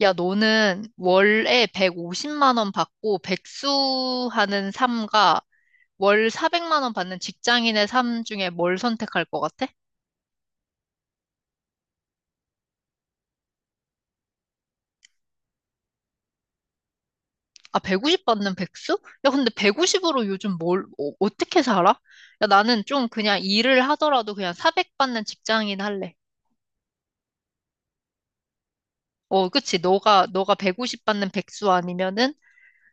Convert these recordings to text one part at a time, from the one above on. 야, 너는 월에 150만 원 받고 백수하는 삶과 월 400만 원 받는 직장인의 삶 중에 뭘 선택할 것 같아? 아, 150 받는 백수? 야, 근데 150으로 요즘 뭘, 떻게 살아? 야, 나는 좀 그냥 일을 하더라도 그냥 400 받는 직장인 할래. 어, 그치. 너가 150 받는 백수 아니면은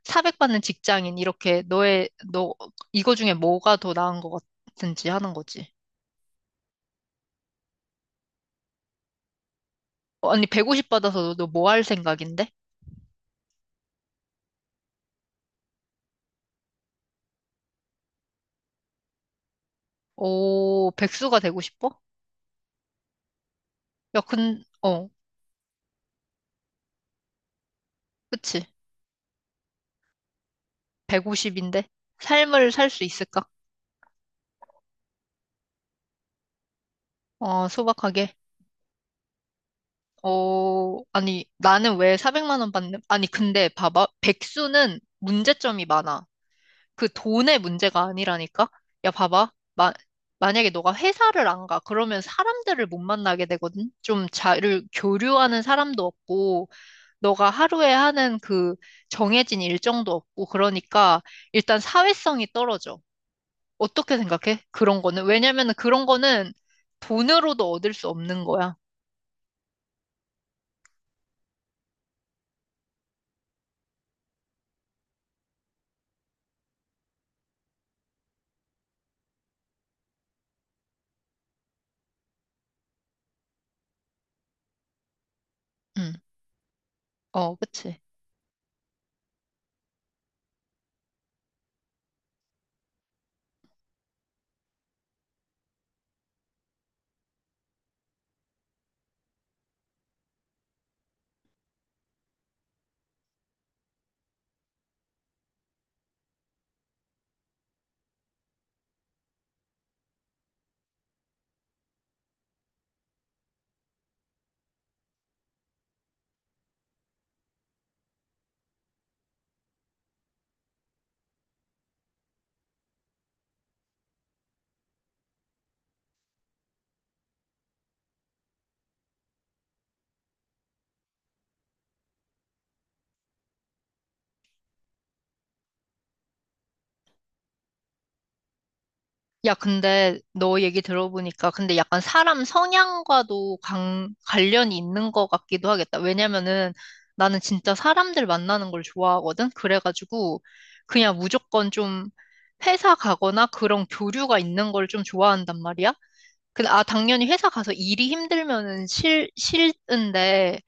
400 받는 직장인. 이렇게 이거 중에 뭐가 더 나은 것 같은지 하는 거지. 어, 아니, 150 받아서 너 뭐 할 생각인데? 오, 백수가 되고 싶어? 야, 그치. 150인데? 삶을 살 수 있을까? 어, 소박하게. 어, 아니, 나는 왜 400만 원 받는, 아니, 근데 봐봐. 백수는 문제점이 많아. 그 돈의 문제가 아니라니까? 야, 봐봐. 만약에 너가 회사를 안 가. 그러면 사람들을 못 만나게 되거든? 좀 자를 교류하는 사람도 없고, 너가 하루에 하는 그 정해진 일정도 없고, 그러니까 일단 사회성이 떨어져. 어떻게 생각해? 그런 거는? 왜냐면은 그런 거는 돈으로도 얻을 수 없는 거야. 응. 어, 그치. 야, 근데 너 얘기 들어보니까 근데 약간 사람 성향과도 관련이 있는 것 같기도 하겠다. 왜냐면은 나는 진짜 사람들 만나는 걸 좋아하거든? 그래가지고 그냥 무조건 좀 회사 가거나 그런 교류가 있는 걸 좀 좋아한단 말이야. 근데 아, 당연히 회사 가서 일이 힘들면은 싫은데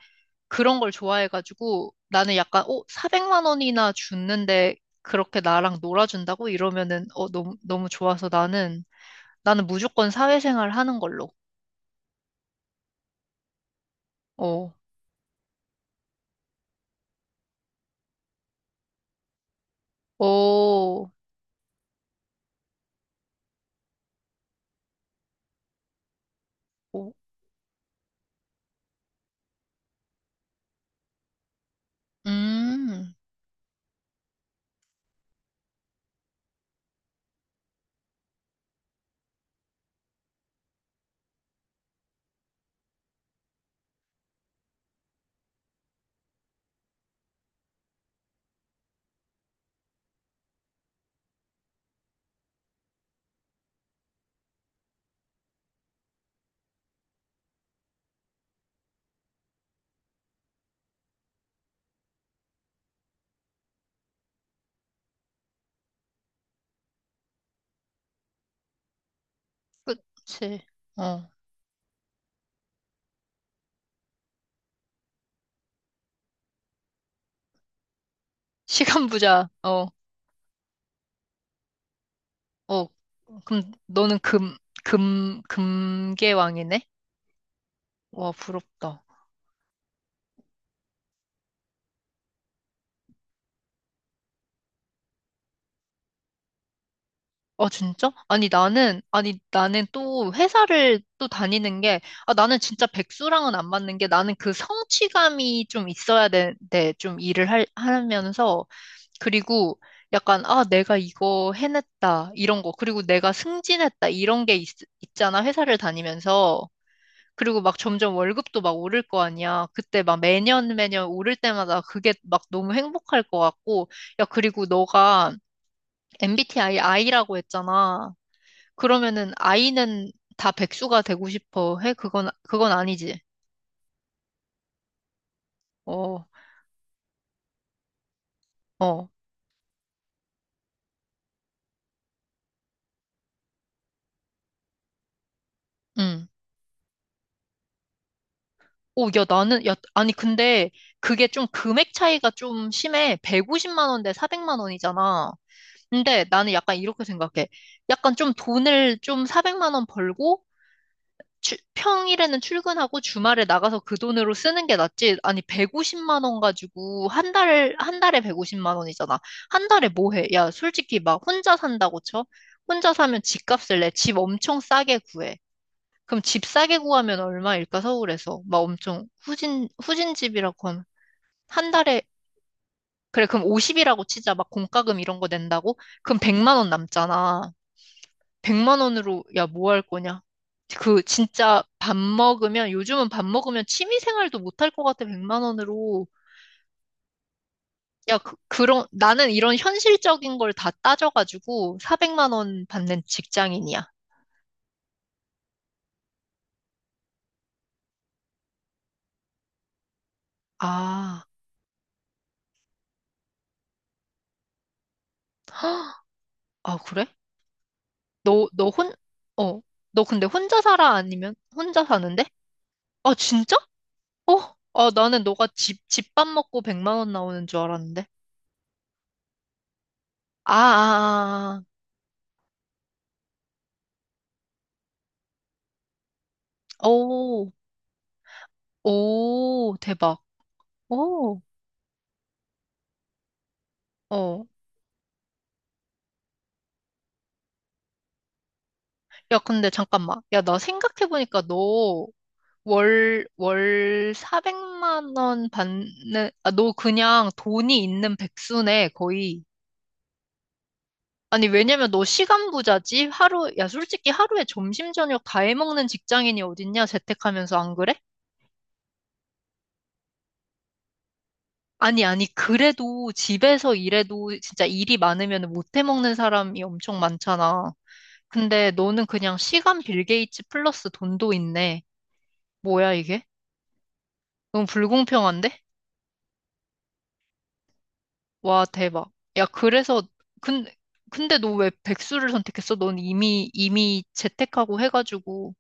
그런 걸 좋아해가지고 나는 약간 400만 원이나 줬는데 그렇게 나랑 놀아준다고 이러면은 너무 너무 좋아서 나는 무조건 사회생활 하는 걸로. 어, 오, 오, 음, 그치, 어, 시간 부자, 어, 어, 그럼 너는 금계왕이네? 와, 부럽다. 아, 진짜? 아니, 나는, 아니, 나는 또 회사를 또 다니는 게, 아, 나는 진짜 백수랑은 안 맞는 게 나는 그 성취감이 좀 있어야 되는데, 좀 일을 하면서, 그리고 약간, 아, 내가 이거 해냈다, 이런 거, 그리고 내가 승진했다, 이런 게 있잖아, 회사를 다니면서. 그리고 막 점점 월급도 막 오를 거 아니야. 그때 막 매년 매년 오를 때마다 그게 막 너무 행복할 것 같고, 야, 그리고 너가 MBTI I라고 했잖아. 그러면은 아이는 다 백수가 되고 싶어 해? 그건 아니지. 어, 어, 응. 오, 야, 나는 야, 아니 근데 그게 좀 금액 차이가 좀 심해. 150만 원대 400만 원이잖아. 근데 나는 약간 이렇게 생각해. 약간 좀 돈을 좀 400만 원 벌고 평일에는 출근하고 주말에 나가서 그 돈으로 쓰는 게 낫지. 아니, 150만 원 가지고 한 달에 150만 원이잖아. 한 달에 뭐 해? 야, 솔직히 막 혼자 산다고 쳐? 혼자 사면 집값을 내. 집 엄청 싸게 구해. 그럼 집 싸게 구하면 얼마일까, 서울에서? 막 엄청 후진집이라고 하면. 한 달에, 그래, 그럼 50이라고 치자. 막 공과금 이런 거 낸다고? 그럼 100만 원 남잖아. 100만 원으로 야, 뭐 할 거냐? 그 진짜 밥 먹으면 요즘은 밥 먹으면 취미 생활도 못할 것 같아. 100만 원으로. 야, 그런 나는 이런 현실적인 걸 다 따져가지고 400만 원 받는 직장인이야. 아, 아 그래? 너, 너 혼, 어, 너 근데 혼자 살아? 아니면 혼자 사는데? 아, 진짜? 어? 아, 나는 너가 집밥 먹고 100만 원 나오는 줄 알았는데. 아, 아, 아. 아. 오, 오, 대박. 오. 어. 야, 근데 잠깐만. 야, 나 생각해보니까 너 월 400만 원 받는, 아, 너 그냥 돈이 있는 백수네, 거의. 아니, 왜냐면 너 시간 부자지? 하루, 야, 솔직히 하루에 점심, 저녁 다 해먹는 직장인이 어딨냐? 재택하면서 안 그래? 아니, 아니, 그래도 집에서 일해도 진짜 일이 많으면 못 해먹는 사람이 엄청 많잖아. 근데 너는 그냥 시간 빌 게이츠 플러스 돈도 있네. 뭐야, 이게? 너무 불공평한데? 와, 대박. 야, 그래서, 근, 근데 너 왜 백수를 선택했어? 넌 이미 재택하고 해가지고,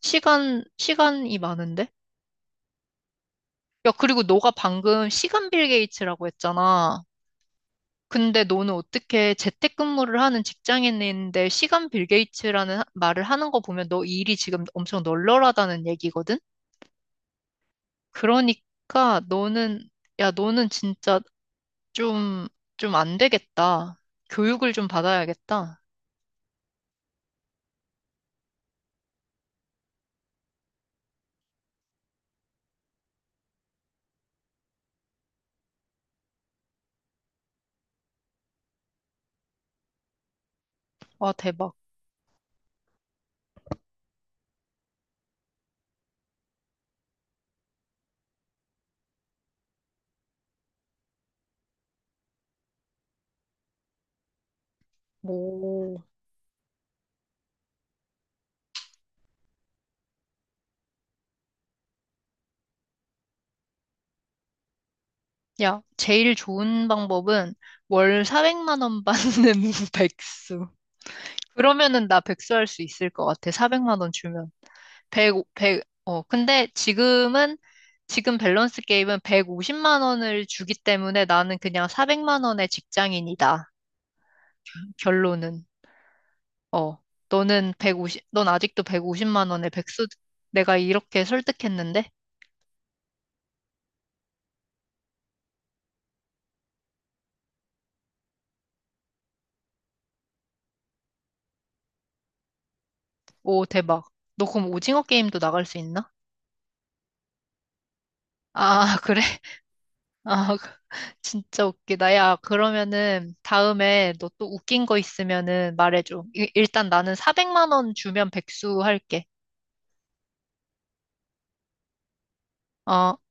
시간이 많은데? 야, 그리고 너가 방금 시간 빌 게이츠라고 했잖아. 근데 너는 어떻게 재택근무를 하는 직장인인데 시간 빌 게이츠라는 말을 하는 거 보면 너 일이 지금 엄청 널널하다는 얘기거든? 그러니까 너는, 야, 너는 진짜 좀, 좀 안 되겠다. 교육을 좀 받아야겠다. 와, 대박. 오. 야, 제일 좋은 방법은 월 400만 원 받는 백수. 그러면은 나 백수 할 수 있을 것 같아. 400만 원 주면. 백 오백 근데 지금은, 지금 밸런스 게임은 150만 원을 주기 때문에 나는 그냥 400만 원의 직장인이다. 결론은. 어, 너는 백 오십 넌 아직도 150만 원의 백수, 내가 이렇게 설득했는데? 오, 대박. 너 그럼 오징어 게임도 나갈 수 있나? 아, 그래? 아, 진짜 웃기다. 야, 그러면은 다음에 너 또 웃긴 거 있으면은 말해줘. 일단 나는 400만 원 주면 백수 할게. 어.